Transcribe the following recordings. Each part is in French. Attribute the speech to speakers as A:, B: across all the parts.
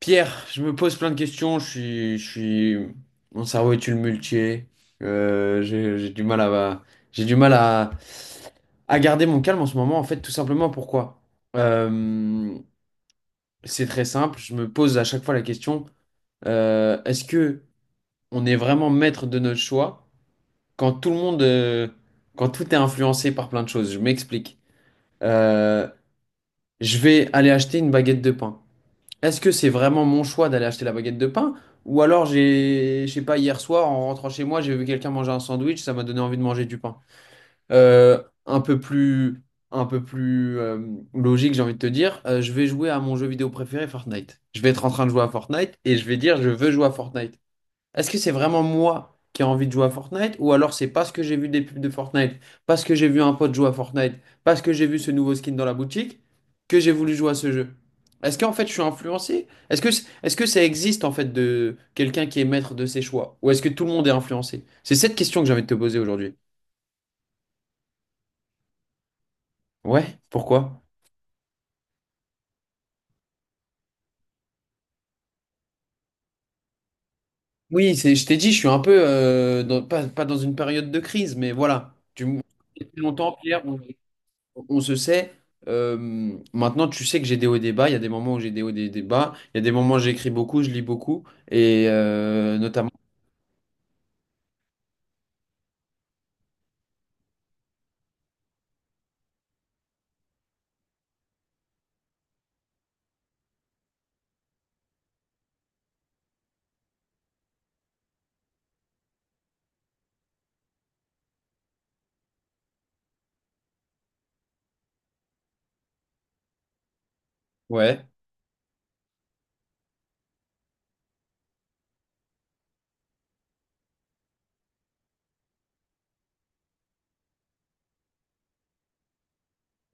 A: Pierre, je me pose plein de questions. Je suis, mon cerveau est tumultué. J'ai du mal à, à garder mon calme en ce moment. En fait, tout simplement pourquoi? Euh, c'est très simple. Je me pose à chaque fois la question, est-ce que on est vraiment maître de notre choix quand quand tout est influencé par plein de choses? Je m'explique. Euh, je vais aller acheter une baguette de pain. Est-ce que c'est vraiment mon choix d'aller acheter la baguette de pain? Ou alors j'ai, je sais pas, hier soir, en rentrant chez moi, j'ai vu quelqu'un manger un sandwich, ça m'a donné envie de manger du pain. Euh, un peu plus, un peu plus logique, j'ai envie de te dire, je vais jouer à mon jeu vidéo préféré, Fortnite. Je vais être en train de jouer à Fortnite et je vais dire, je veux jouer à Fortnite. Est-ce que c'est vraiment moi qui ai envie de jouer à Fortnite ou alors c'est parce que j'ai vu des pubs de Fortnite, parce que j'ai vu un pote jouer à Fortnite, parce que j'ai vu ce nouveau skin dans la boutique que j'ai voulu jouer à ce jeu? Est-ce qu'en fait je suis influencé? Est-ce que ça existe en fait de quelqu'un qui est maître de ses choix ou est-ce que tout le monde est influencé? C'est cette question que j'ai envie de te poser aujourd'hui. Ouais, pourquoi? Oui, c'est, je t'ai dit, je suis un peu dans- pas, pas dans une période de crise, mais voilà. Tu m- depuis longtemps, Pierre. On se sait. Maintenant, tu sais que j'ai des hauts et des bas. Il y a des moments où j'ai des hauts et des bas. Il y a des moments où j'écris beaucoup, je lis beaucoup. Et notamment. Ouais,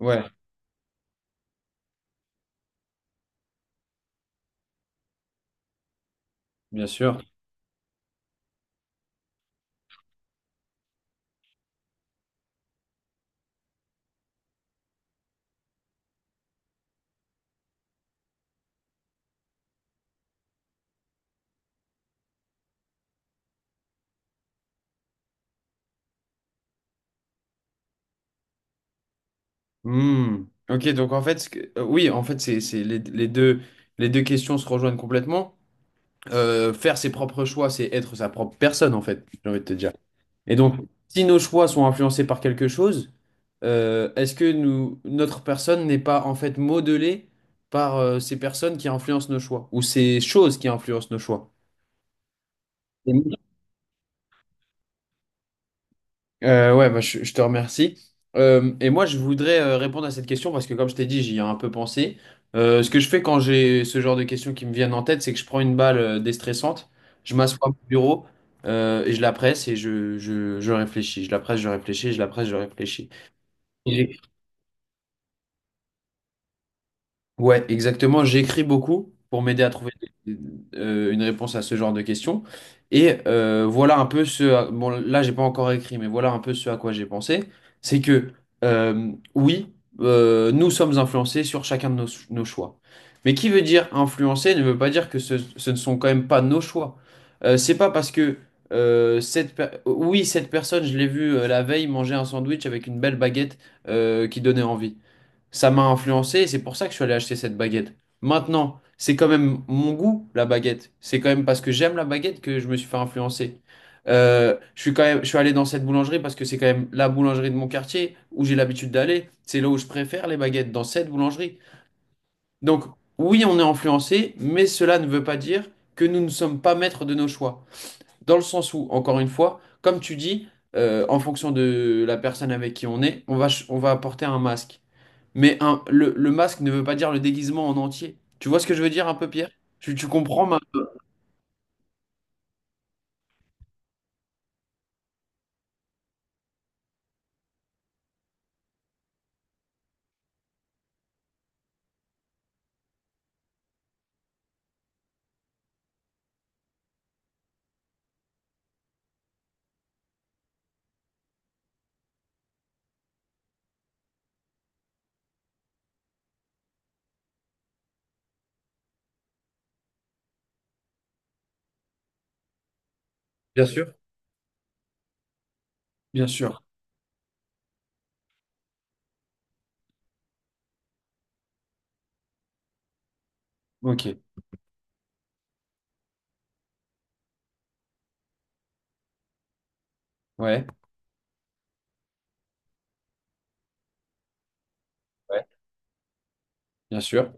A: ouais, bien sûr. Hmm. Ok, donc en fait, oui, en fait, c'est les, les deux questions se rejoignent complètement. Faire ses propres choix, c'est être sa propre personne, en fait, j'ai envie de te dire. Et donc, si nos choix sont influencés par quelque chose, est-ce que nous, notre personne n'est pas en fait modelée par ces personnes qui influencent nos choix ou ces choses qui influencent nos choix? Et moi- je te remercie. Et moi, je voudrais répondre à cette question parce que, comme je t'ai dit, j'y ai un peu pensé. Ce que je fais quand j'ai ce genre de questions qui me viennent en tête, c'est que je prends une balle déstressante, je m'assois à mon bureau et je la presse et je réfléchis. Je la presse, je réfléchis, je la presse, je réfléchis. Ouais, exactement. J'écris beaucoup pour m'aider à trouver des- une réponse à ce genre de questions. Et voilà un peu ce... à- Bon, là, j'ai pas encore écrit, mais voilà un peu ce à quoi j'ai pensé. C'est que, euh, oui, nous sommes influencés sur chacun de nos choix. Mais qui veut dire influencer ne veut pas dire que ce ne sont quand même pas nos choix. C'est pas parce que... cette per- Oui, cette personne, je l'ai vue la veille manger un sandwich avec une belle baguette qui donnait envie. Ça m'a influencé et c'est pour ça que je suis allé acheter cette baguette. Maintenant, c'est quand même mon goût, la baguette. C'est quand même parce que j'aime la baguette que je me suis fait influencer. Je suis allé dans cette boulangerie parce que c'est quand même la boulangerie de mon quartier où j'ai l'habitude d'aller. C'est là où je préfère les baguettes, dans cette boulangerie. Donc, oui, on est influencé, mais cela ne veut pas dire que nous ne sommes pas maîtres de nos choix. Dans le sens où, encore une fois, comme tu dis, en fonction de la personne avec qui on est, on va, ch- on va porter un masque. Mais un, le masque ne veut pas dire le déguisement en entier. Tu vois ce que je veux dire un peu, Pierre? Tu comprends ma... Bien sûr. Bien sûr. Ok. Ouais. Ouais. Bien sûr.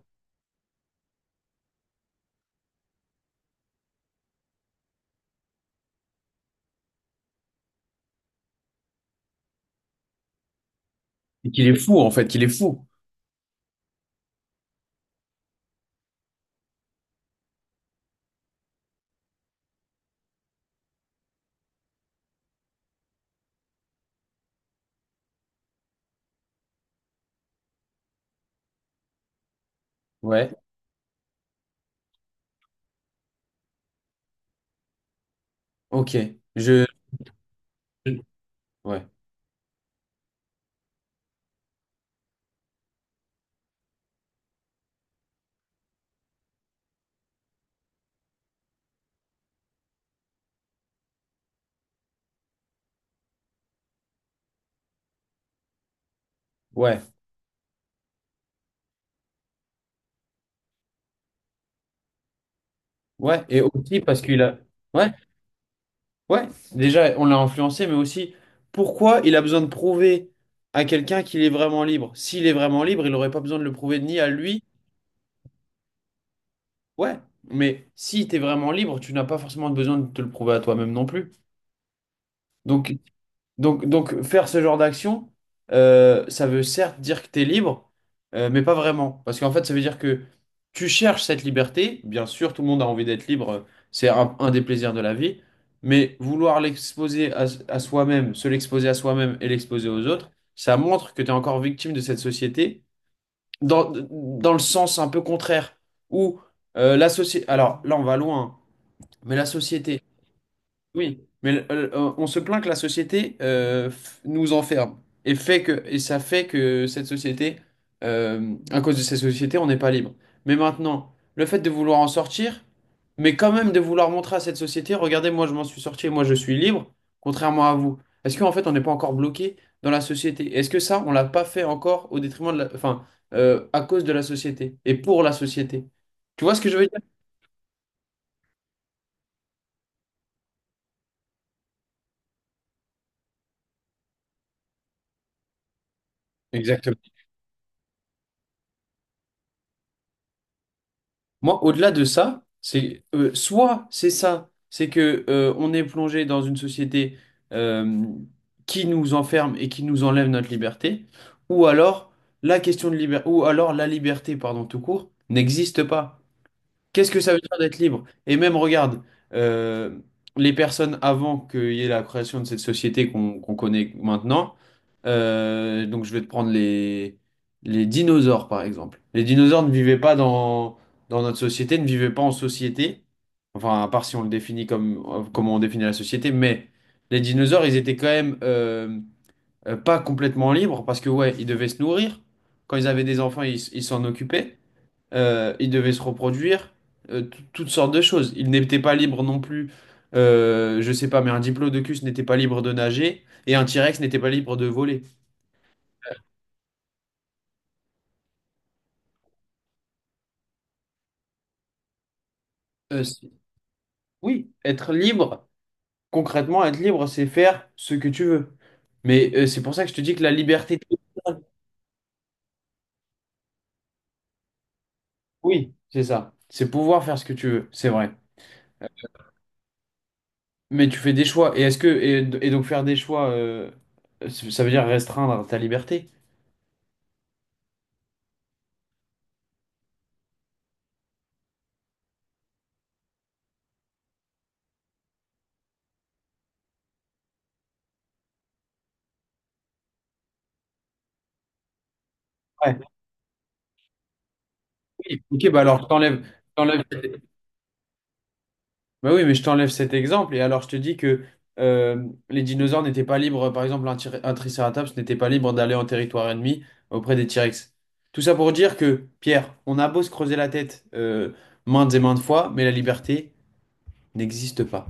A: Et qu'il est fou, en fait, qu'il est fou. Ouais. Ok. Je... je- Ouais. Ouais. Ouais. Et aussi parce qu'il a... Ouais. Ouais, déjà, on l'a influencé, mais aussi, pourquoi il a besoin de prouver à quelqu'un qu'il est vraiment libre? S'il est vraiment libre, il n'aurait pas besoin de le prouver ni à lui. Ouais, mais si tu es vraiment libre, tu n'as pas forcément besoin de te le prouver à toi-même non plus. Donc, donc, faire ce genre d'action, ça veut certes dire que tu es libre, mais pas vraiment. Parce qu'en fait, ça veut dire que tu cherches cette liberté. Bien sûr, tout le monde a envie d'être libre, c'est un des plaisirs de la vie. Mais vouloir l'exposer à soi-même, se l'exposer à soi-même et l'exposer aux autres, ça montre que tu es encore victime de cette société dans le sens un peu contraire, où la société... Alors là, on va loin, hein, mais la société oui, mais on se plaint que la société f- nous enferme et fait que et ça fait que cette société, à cause de cette société, on n'est pas libre. Mais maintenant, le fait de vouloir en sortir, mais quand même de vouloir montrer à cette société, regardez, moi je m'en suis sorti, moi je suis libre, contrairement à vous. Est-ce qu'en fait on n'est pas encore bloqué dans la société? Est-ce que ça, on l'a pas fait encore au détriment de la, enfin, à cause de la société et pour la société? Tu vois ce que je veux dire? Exactement. Moi, au-delà de ça, c'est soit c'est ça, c'est que on est plongé dans une société euh, qui nous enferme et qui nous enlève notre liberté, ou alors la question de liberté, ou alors la liberté, pardon, tout court, n'existe pas. Qu'est-ce que ça veut dire d'être libre? Et même, regarde, euh, les personnes avant qu'il y ait la création de cette société qu'on connaît maintenant, donc je vais te prendre les dinosaures, par exemple. Les dinosaures ne vivaient pas dans notre société, ne vivaient pas en société, enfin, à part si on le définit comme comment on définit la société, mais les dinosaures, ils étaient quand même pas complètement libres parce que, ouais, ils devaient se nourrir. Quand ils avaient des enfants, ils s- ils s'en occupaient. Il devait se reproduire, toutes sortes de choses. Il n'était pas libre non plus, je sais pas, mais un diplodocus n'était pas libre de nager et un T-Rex n'était pas libre de voler. C'est- oui, être libre, concrètement, être libre, c'est faire ce que tu veux. Mais c'est pour ça que je te dis que la liberté totale, oui, c'est ça. C'est pouvoir faire ce que tu veux, c'est vrai. Mais tu fais des choix. Et donc faire des choix, ça veut dire restreindre ta liberté? Ouais. Oui. Ok, bah alors je t'enlève. Bah oui, mais je t'enlève cet exemple et alors je te dis que euh, les dinosaures n'étaient pas libres, par exemple un, tir- un triceratops n'était pas libre d'aller en territoire ennemi auprès des T-Rex. Tout ça pour dire que, Pierre, on a beau se creuser la tête maintes et maintes fois, mais la liberté n'existe pas.